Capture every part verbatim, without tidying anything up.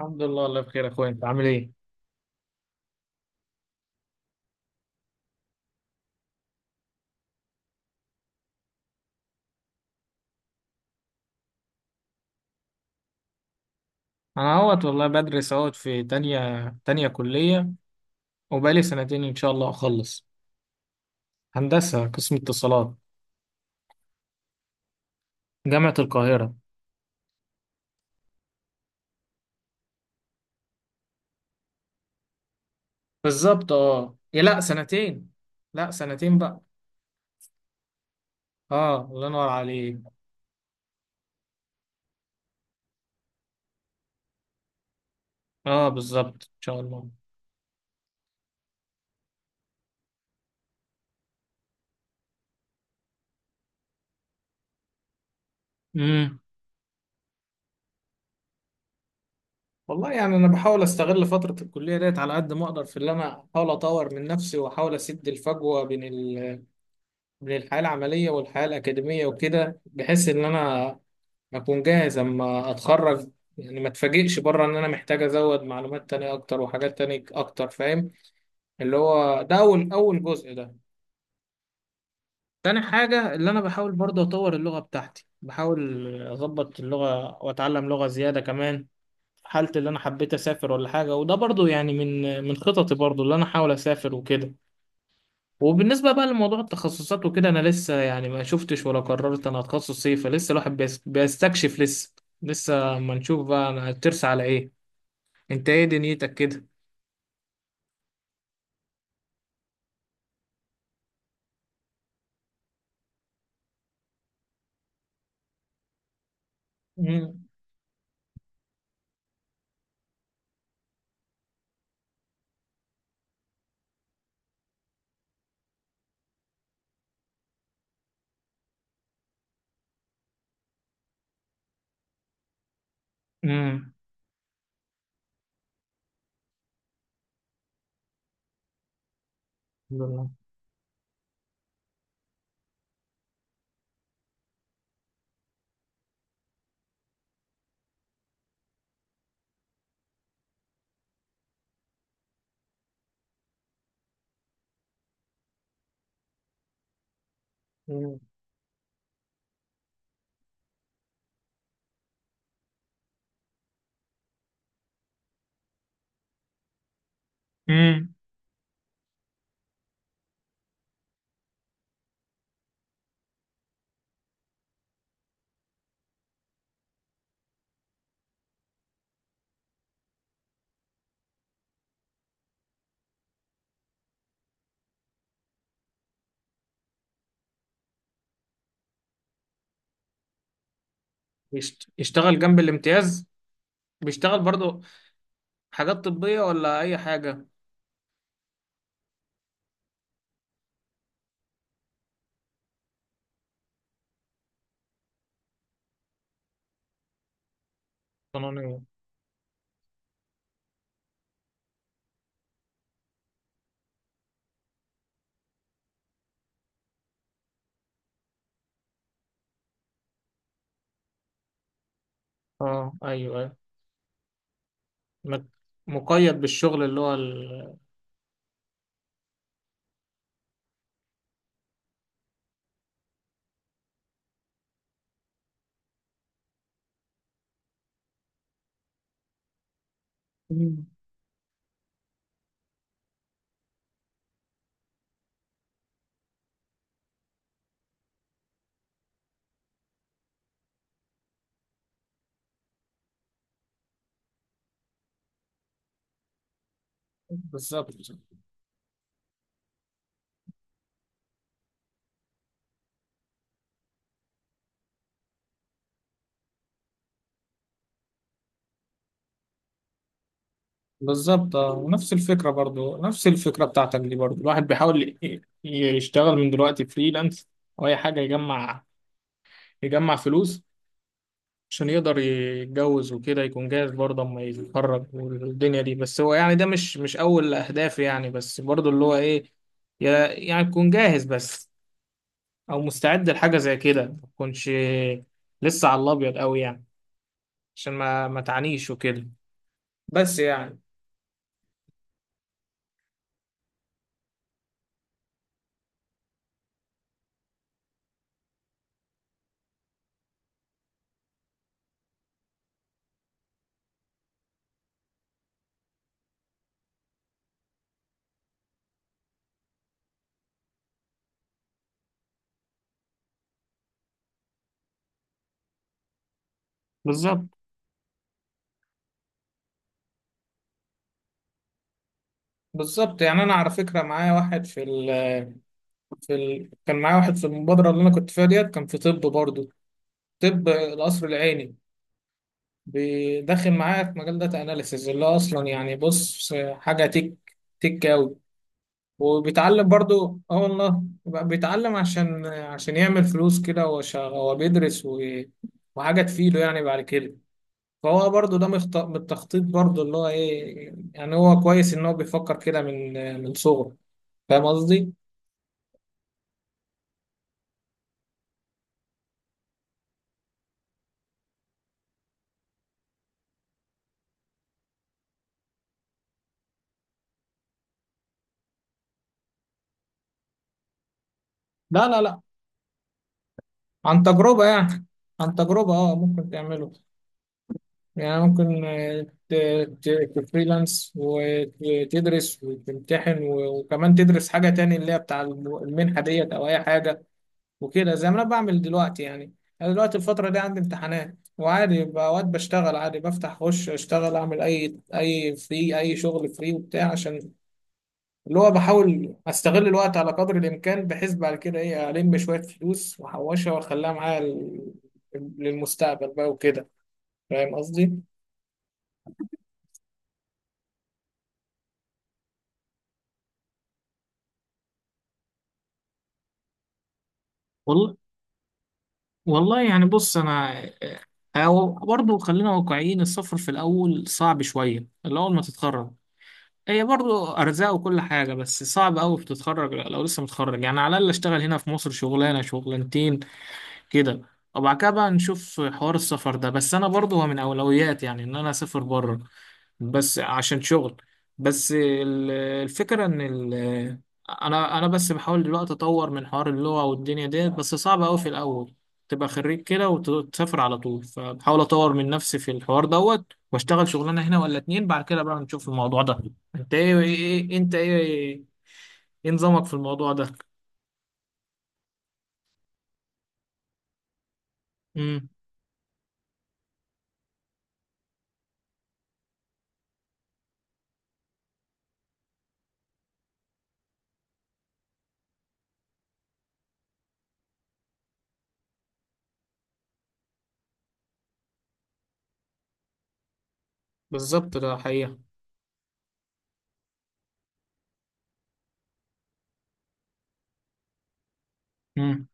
الحمد لله. الله بخير يا اخويا، انت عامل ايه؟ انا اهوت والله، بدرس اهوت في تانية تانية كلية، وبقالي سنتين ان شاء الله اخلص. هندسة، قسم اتصالات. جامعة القاهرة. بالظبط اه، يا لا سنتين. لا، سنتين بقى. اه، الله ينور عليك. اه بالظبط ان شاء الله. امم. والله يعني انا بحاول استغل فترة الكلية ديت على قد ما اقدر، في اللي انا احاول اطور من نفسي واحاول اسد الفجوة بين ال... بين الحياة العملية والحياة الأكاديمية، وكده بحيث إن أنا اكون جاهز اما اتخرج. يعني ما اتفاجئش بره ان انا محتاج ازود معلومات تانية اكتر وحاجات تانية اكتر، فاهم. اللي هو ده اول اول جزء ده. تاني حاجة اللي انا بحاول برضه اطور اللغة بتاعتي، بحاول اظبط اللغة واتعلم لغة زيادة كمان، في حالة اللي انا حبيت اسافر ولا حاجة. وده برضه يعني من من خططي، برضه اللي انا احاول اسافر وكده. وبالنسبة بقى لموضوع التخصصات وكده، انا لسه يعني ما شفتش ولا قررت انا هتخصص ايه، فلسه الواحد بيس- بيستكشف لسه. لسه ما نشوف بقى انا هترسى على ايه. انت ايه دنيتك كده؟ مم. مم. الحمد لله. مم. مم. يشت- يشتغل جنب الامتياز؟ بيشتغل برضه حاجات طبية ولا اي حاجة؟ قانونية. اه ايوه ايوه. مك- مقيد بالشغل اللي هو ال... مم. بالظبط بالظبط اه، ونفس الفكرة برضو، نفس الفكرة بتاعتك دي، برضو الواحد بيحاول ي- يشتغل من دلوقتي فريلانس أو أي حاجة، يجمع. يجمع فلوس عشان يقدر يتجوز وكده، يكون جاهز برضه اما يتخرج والدنيا دي. بس هو يعني ده مش مش اول اهداف يعني، بس برضه اللي هو ايه، يا- يعني تكون جاهز بس، او مستعد لحاجه زي كده، ما تكونش لسه على الابيض قوي يعني. عشان ما ما تعانيش وكده. بس يعني. بالظبط بالظبط يعني، انا على فكره معايا واحد في ال... في ال... كان معايا واحد في المبادره اللي انا كنت فيها ديت، كان في طب برضه. طب القصر العيني. بداخل معايا في مجال داتا اناليسز، اللي هو اصلا يعني بص حاجه تك، تك قوي. وبيتعلم برضو، اه والله يبقى بيتعلم عشان عشان يعمل فلوس كده. هو شا- هو بيدرس و... وحاجه تفيده يعني بعد كده. فهو برضو ده مخت... من التخطيط، برضو اللي هو ايه يعني، هو كويس ان هو بيفكر كده من من صغره. فاهم قصدي؟ لا لا لا. عن تجربه يعني. عن تجربه، اه ممكن تعمله. يعني ممكن آه، ت- ت- تفريلانس وتدرس وتمتحن، و- وكمان تدرس حاجة تاني، اللي هي بتاع الم- المنحة ديت أو أي حاجة. وكده زي ما أنا بعمل دلوقتي يعني. أنا دلوقتي الفترة دي عندي امتحانات، وعادي ب- أوقات بشتغل عادي، بفتح أخش أشتغل أعمل أي أي فري أي شغل فري وبتاع، عشان اللي هو بحاول أستغل الوقت على قدر الإمكان، بحيث بعد كده إيه، ألم شوية فلوس وأحوشها وأخليها معايا ل- للمستقبل بقى وكده. فاهم قصدي؟ والله يعني بص انا، أو برضه خلينا واقعيين، السفر في الاول صعب شويه، الاول ما تتخرج. هي برضه ارزاق وكل حاجه، بس صعب قوي بتتخرج لو لسه متخرج يعني. على الاقل اشتغل هنا في مصر شغلانه شغلانتين كده، وبعد كده بقى نشوف حوار السفر ده. بس انا برضه هو من اولوياتي يعني، ان انا اسافر بره. بس عشان شغل. بس ال- الفكرة ان ال انا انا بس بحاول دلوقتي اطور من حوار اللغة والدنيا ديت. بس صعب قوي في الاول تبقى خريج كده وتسافر على طول. فبحاول اطور من نفسي في الحوار دوت، واشتغل شغلانة هنا ولا اتنين، بعد كده بقى نشوف الموضوع ده. انت ايه, إيه إيه، انت ايه ايه نظامك في الموضوع ده؟ امم. بالظبط، ده حقيقة. امم.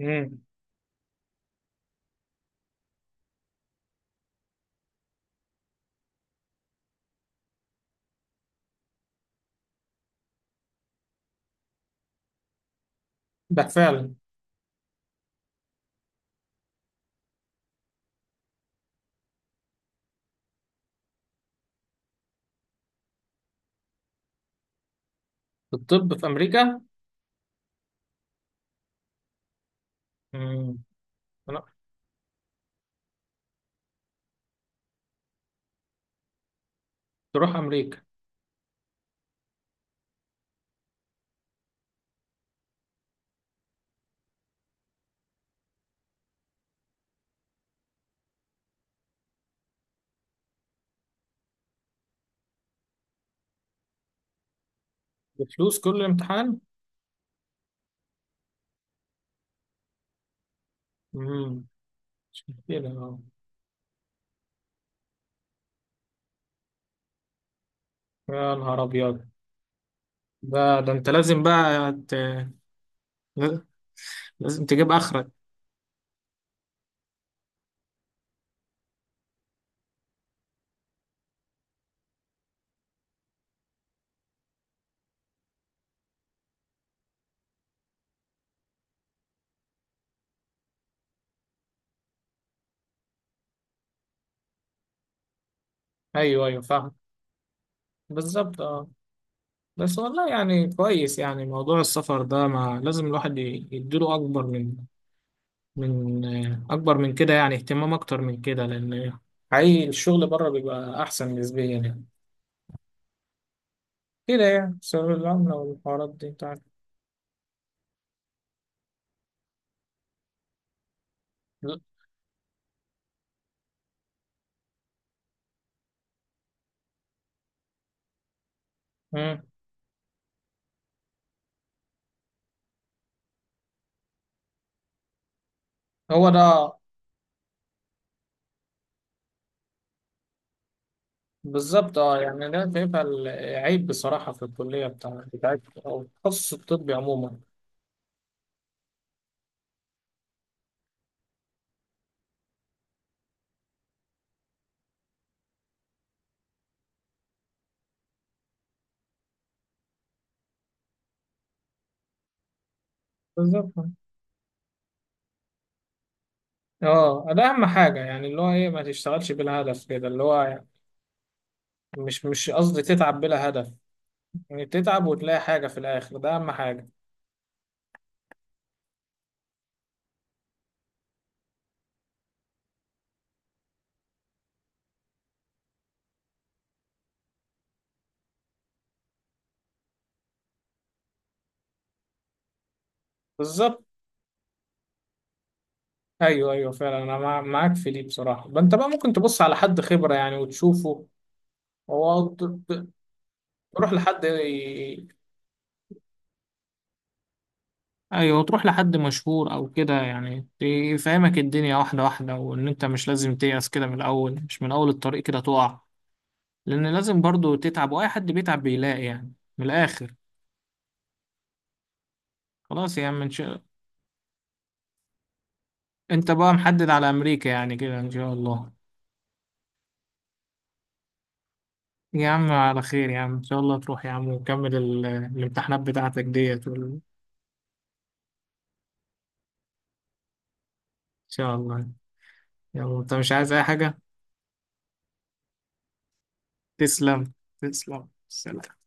امم. ده فعلا. الطب في امريكا. امم. تروح امريكا. بفلوس كل امتحان؟ مم. مش مشكلة اه. يا نهار أبيض. ده ده أنت لازم بقى ت... لازم تجيب آخرك. أيوه أيوه فاهم. بالظبط أه. بس والله يعني كويس، يعني موضوع السفر ده ما لازم الواحد ي- يديله أكبر من، من آه، أكبر من كده، يعني اهتمام أكتر من كده، لأن حقيقي الشغل بره بيبقى أحسن نسبيا يعني. كده يعني، سبب العملة والحوارات دي بتاعت. مم. هو ده. بالظبط اه يعني، انا شايفها ال- عيب بصراحه في الكليه بتاع بتاعت او التخصص الطبي عموما. بالظبط اه، ده اهم حاجه يعني، اللي هو ايه، ما تشتغلش بلا هدف كده اللي هو يعني. مش مش قصدي تتعب بلا هدف، يعني تتعب وتلاقي حاجه في الاخر، ده اهم حاجه. بالظبط. ايوه ايوه فعلا، انا مع- معاك في دي بصراحه. ما انت بقى ممكن تبص على حد خبره يعني وتشوفه هو، ت- ت- تروح لحد. ايوه، تروح لحد مشهور او كده يعني، يفهمك الدنيا واحده واحده، وان انت مش لازم تيأس كده من الاول، مش من اول الطريق كده تقع. لان لازم برضو تتعب، واي حد بيتعب بيلاقي يعني من الاخر. خلاص يا عم، إن شاء... انت بقى محدد على امريكا يعني كده ان شاء الله؟ يا عم على خير، يا عم ان شاء الله تروح يا عم، وكمل ال... الامتحانات بتاعتك ديت، وال... ان شاء الله. يلا، انت مش عايز اي حاجه تسلم. تسلم، سلام.